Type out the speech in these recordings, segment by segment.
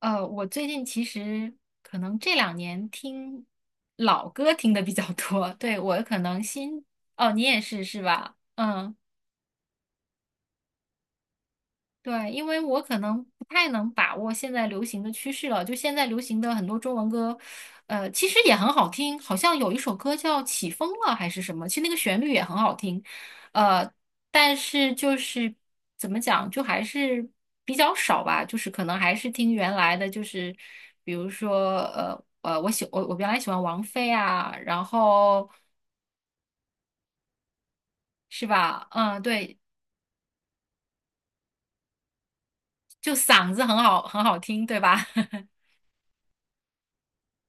我最近其实可能这两年听老歌听的比较多，对，我可能新，哦，你也是是吧？嗯。对，因为我可能不太能把握现在流行的趋势了。就现在流行的很多中文歌，其实也很好听，好像有一首歌叫《起风了》还是什么，其实那个旋律也很好听，呃，但是就是怎么讲，就还是比较少吧，就是可能还是听原来的，就是比如说我原来喜欢王菲啊，然后是吧？嗯，对，就嗓子很好很好听，对吧？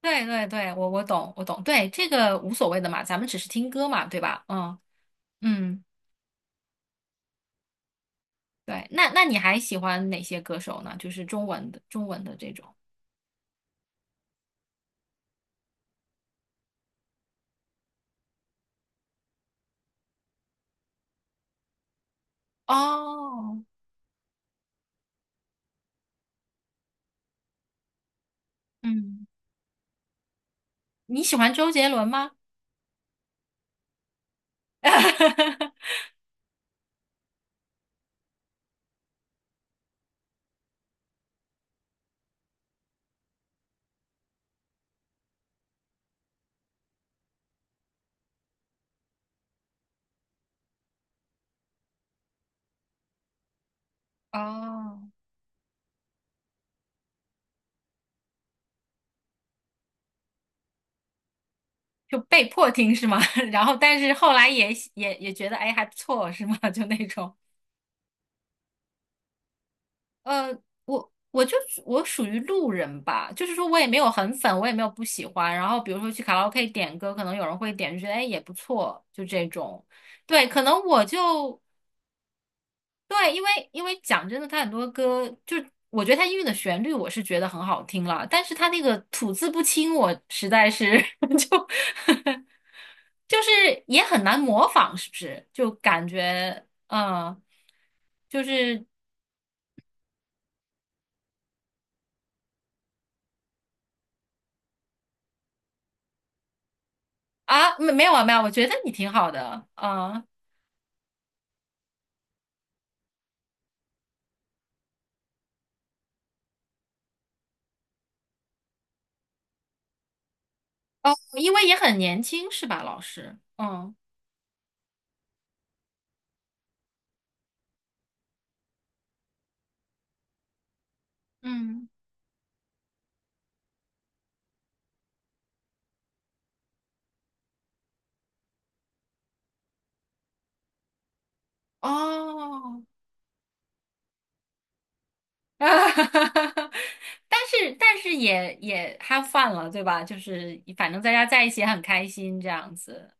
对对对，我懂，我懂，对，这个无所谓的嘛，咱们只是听歌嘛，对吧？嗯嗯，对，那你还喜欢哪些歌手呢？就是中文的这种。哦，嗯，你喜欢周杰伦吗？哦，就被迫听是吗？然后但是后来也喜也也觉得哎还不错是吗？就那种。呃，我我属于路人吧，就是说我也没有很粉，我也没有不喜欢。然后比如说去卡拉 OK 点歌，可能有人会点，就觉得哎也不错，就这种。对，可能我就对，因为因为讲真的，他很多歌就我觉得他音乐的旋律我是觉得很好听了，但是他那个吐字不清，我实在是 就 就是也很难模仿，是不是？就感觉嗯，就是。啊，没有，我觉得你挺好的，啊，哦，因为也很年轻是吧，老师？嗯嗯，哦，但是也也 have fun 了，对吧？就是反正大家在一起也很开心这样子，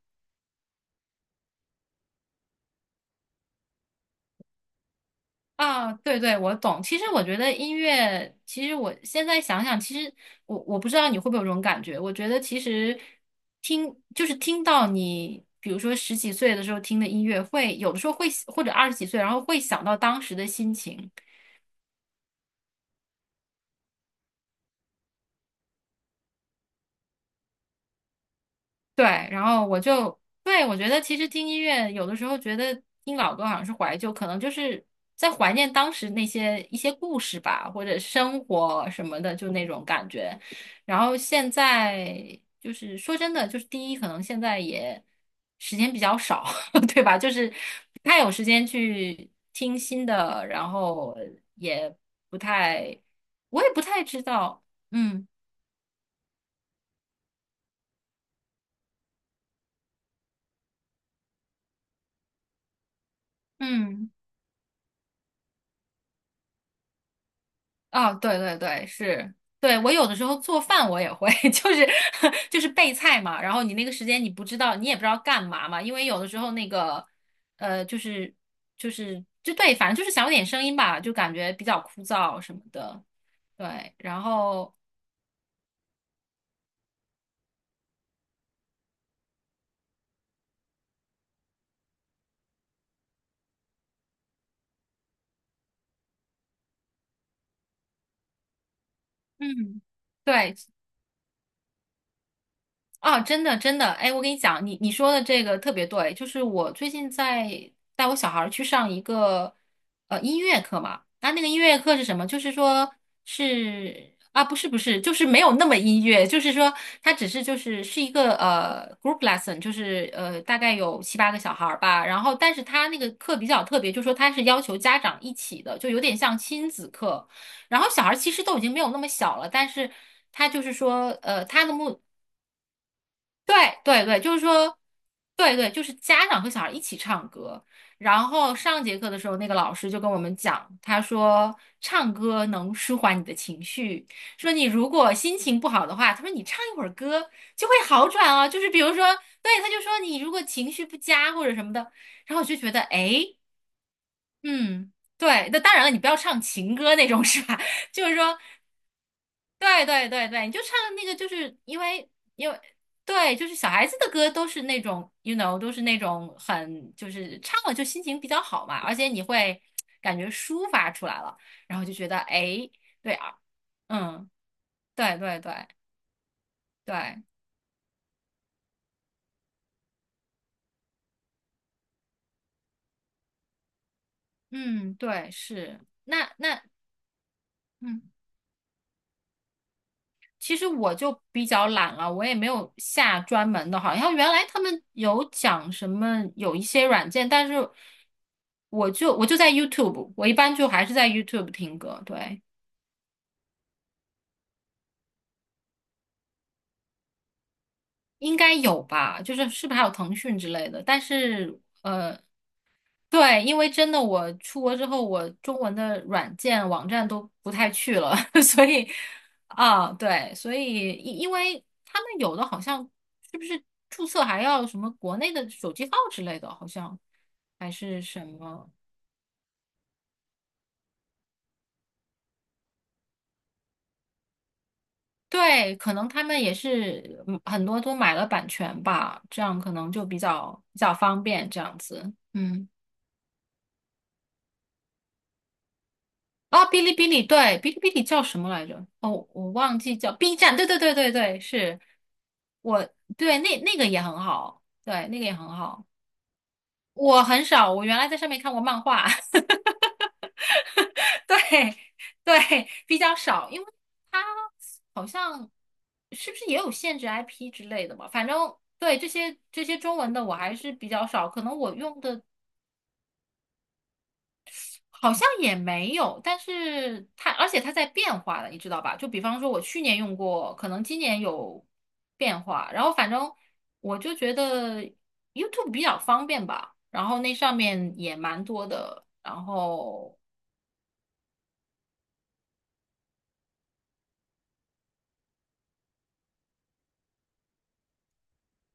啊，对对，我懂。其实我觉得音乐，其实我现在想想，其实我不知道你会不会有这种感觉。我觉得其实听就是听到你，比如说十几岁的时候听的音乐会，有的时候会或者二十几岁，然后会想到当时的心情。对，然后我就，对，我觉得其实听音乐有的时候觉得听老歌好像是怀旧，可能就是在怀念当时那些一些故事吧，或者生活什么的，就那种感觉。然后现在就是说真的，就是第一，可能现在也时间比较少，对吧？就是不太有时间去听新的，然后也不太，我也不太知道，嗯嗯。啊，对对对，是，对，我有的时候做饭我也会，就是 就是备菜嘛，然后你那个时间你不知道，你也不知道干嘛嘛，因为有的时候那个，呃，就是就对，反正就是想有点声音吧，就感觉比较枯燥什么的，对，然后嗯，对，啊，真的真的，哎，我跟你讲，你说的这个特别对，就是我最近在带我小孩儿去上一个音乐课嘛，那个音乐课是什么？就是说是啊，不是不是，就是没有那么音乐，就是说它只是是一个group lesson,就是大概有七八个小孩儿吧，然后但是他那个课比较特别，就是说他是要求家长一起的，就有点像亲子课。然后小孩儿其实都已经没有那么小了，但是他就是说，他的目对对对，就是说，对对，就是家长和小孩一起唱歌。然后上节课的时候，那个老师就跟我们讲，他说唱歌能舒缓你的情绪，说你如果心情不好的话，他说你唱一会儿歌就会好转哦。就是比如说，对，他就说你如果情绪不佳或者什么的，然后我就觉得，诶，嗯，对，那当然了，你不要唱情歌那种 是吧？就是说。对对对对，你就唱那个，就是因为对，就是小孩子的歌都是那种，都是那种很就是唱了就心情比较好嘛，而且你会感觉抒发出来了，然后就觉得哎诶，对啊，嗯，对对对对，嗯，对是，那那嗯。其实我就比较懒了，我也没有下专门的，好像原来他们有讲什么有一些软件，但是我就在 YouTube,我一般就还是在 YouTube 听歌，对，应该有吧，就是是不是还有腾讯之类的，但是对，因为真的我出国之后，我中文的软件网站都不太去了，所以啊，对，所以因为他们有的好像是不是注册还要什么国内的手机号之类的，好像还是什么。对，可能他们也是嗯很多都买了版权吧，这样可能就比较比较方便这样子。嗯。啊，哔哩哔哩，对，哔哩哔哩叫什么来着？哦，我忘记叫 B 站，对对对对对，是我对那个也很好，对，那个也很好。我很少，我原来在上面看过漫画，对对，比较少，因为它好像是不是也有限制 IP 之类的嘛？反正对这些中文的我还是比较少，可能我用的好像也没有，但是它而且它在变化的，你知道吧？就比方说，我去年用过，可能今年有变化。然后反正我就觉得 YouTube 比较方便吧，然后那上面也蛮多的。然后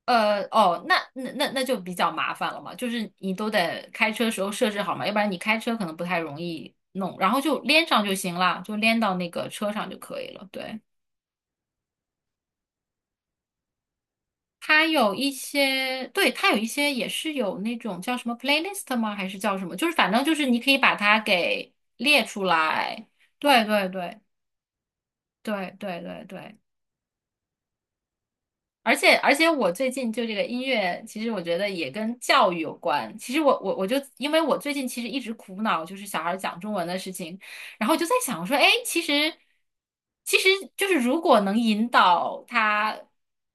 哦，那就比较麻烦了嘛，就是你都得开车时候设置好嘛，要不然你开车可能不太容易弄。然后就连上就行了，就连到那个车上就可以了。对。它有一些，对，它有一些也是有那种叫什么 playlist 吗？还是叫什么？就是反正就是你可以把它给列出来。对对对对。而且我最近就这个音乐，其实我觉得也跟教育有关。其实我因为我最近其实一直苦恼就是小孩儿讲中文的事情，然后我就在想说，哎，其实就是如果能引导他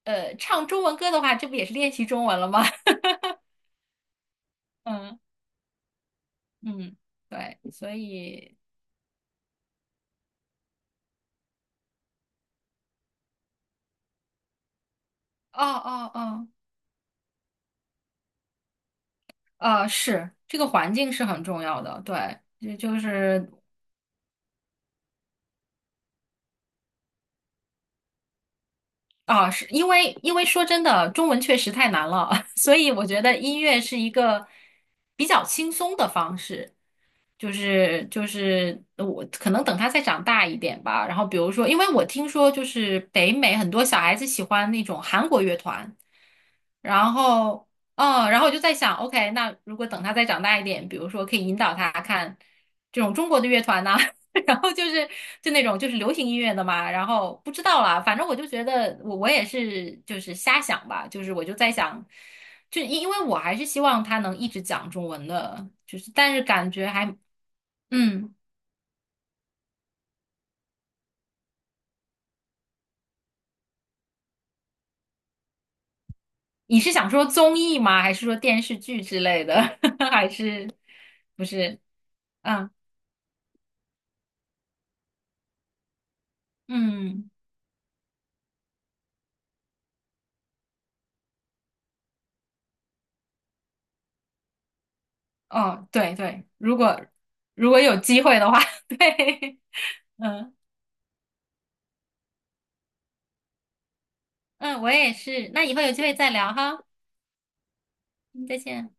唱中文歌的话，这不也是练习中文了吗？嗯。嗯，对，所以，哦哦哦，是这个环境是很重要的，对，就是啊，是因为因为说真的，中文确实太难了，所以我觉得音乐是一个比较轻松的方式，就是我可能等他再长大一点吧。然后比如说，因为我听说就是北美很多小孩子喜欢那种韩国乐团，然后嗯，然后我就在想，OK,那如果等他再长大一点，比如说可以引导他看这种中国的乐团呐、然后就是就那种就是流行音乐的嘛，然后不知道啦，反正我就觉得我也是就是瞎想吧，就是我就在想，就因为我还是希望他能一直讲中文的，就是但是感觉还嗯，你是想说综艺吗？还是说电视剧之类的？还是不是？嗯嗯，哦，对对，如果有机会的话，对，嗯嗯，我也是。那以后有机会再聊哈，嗯再见。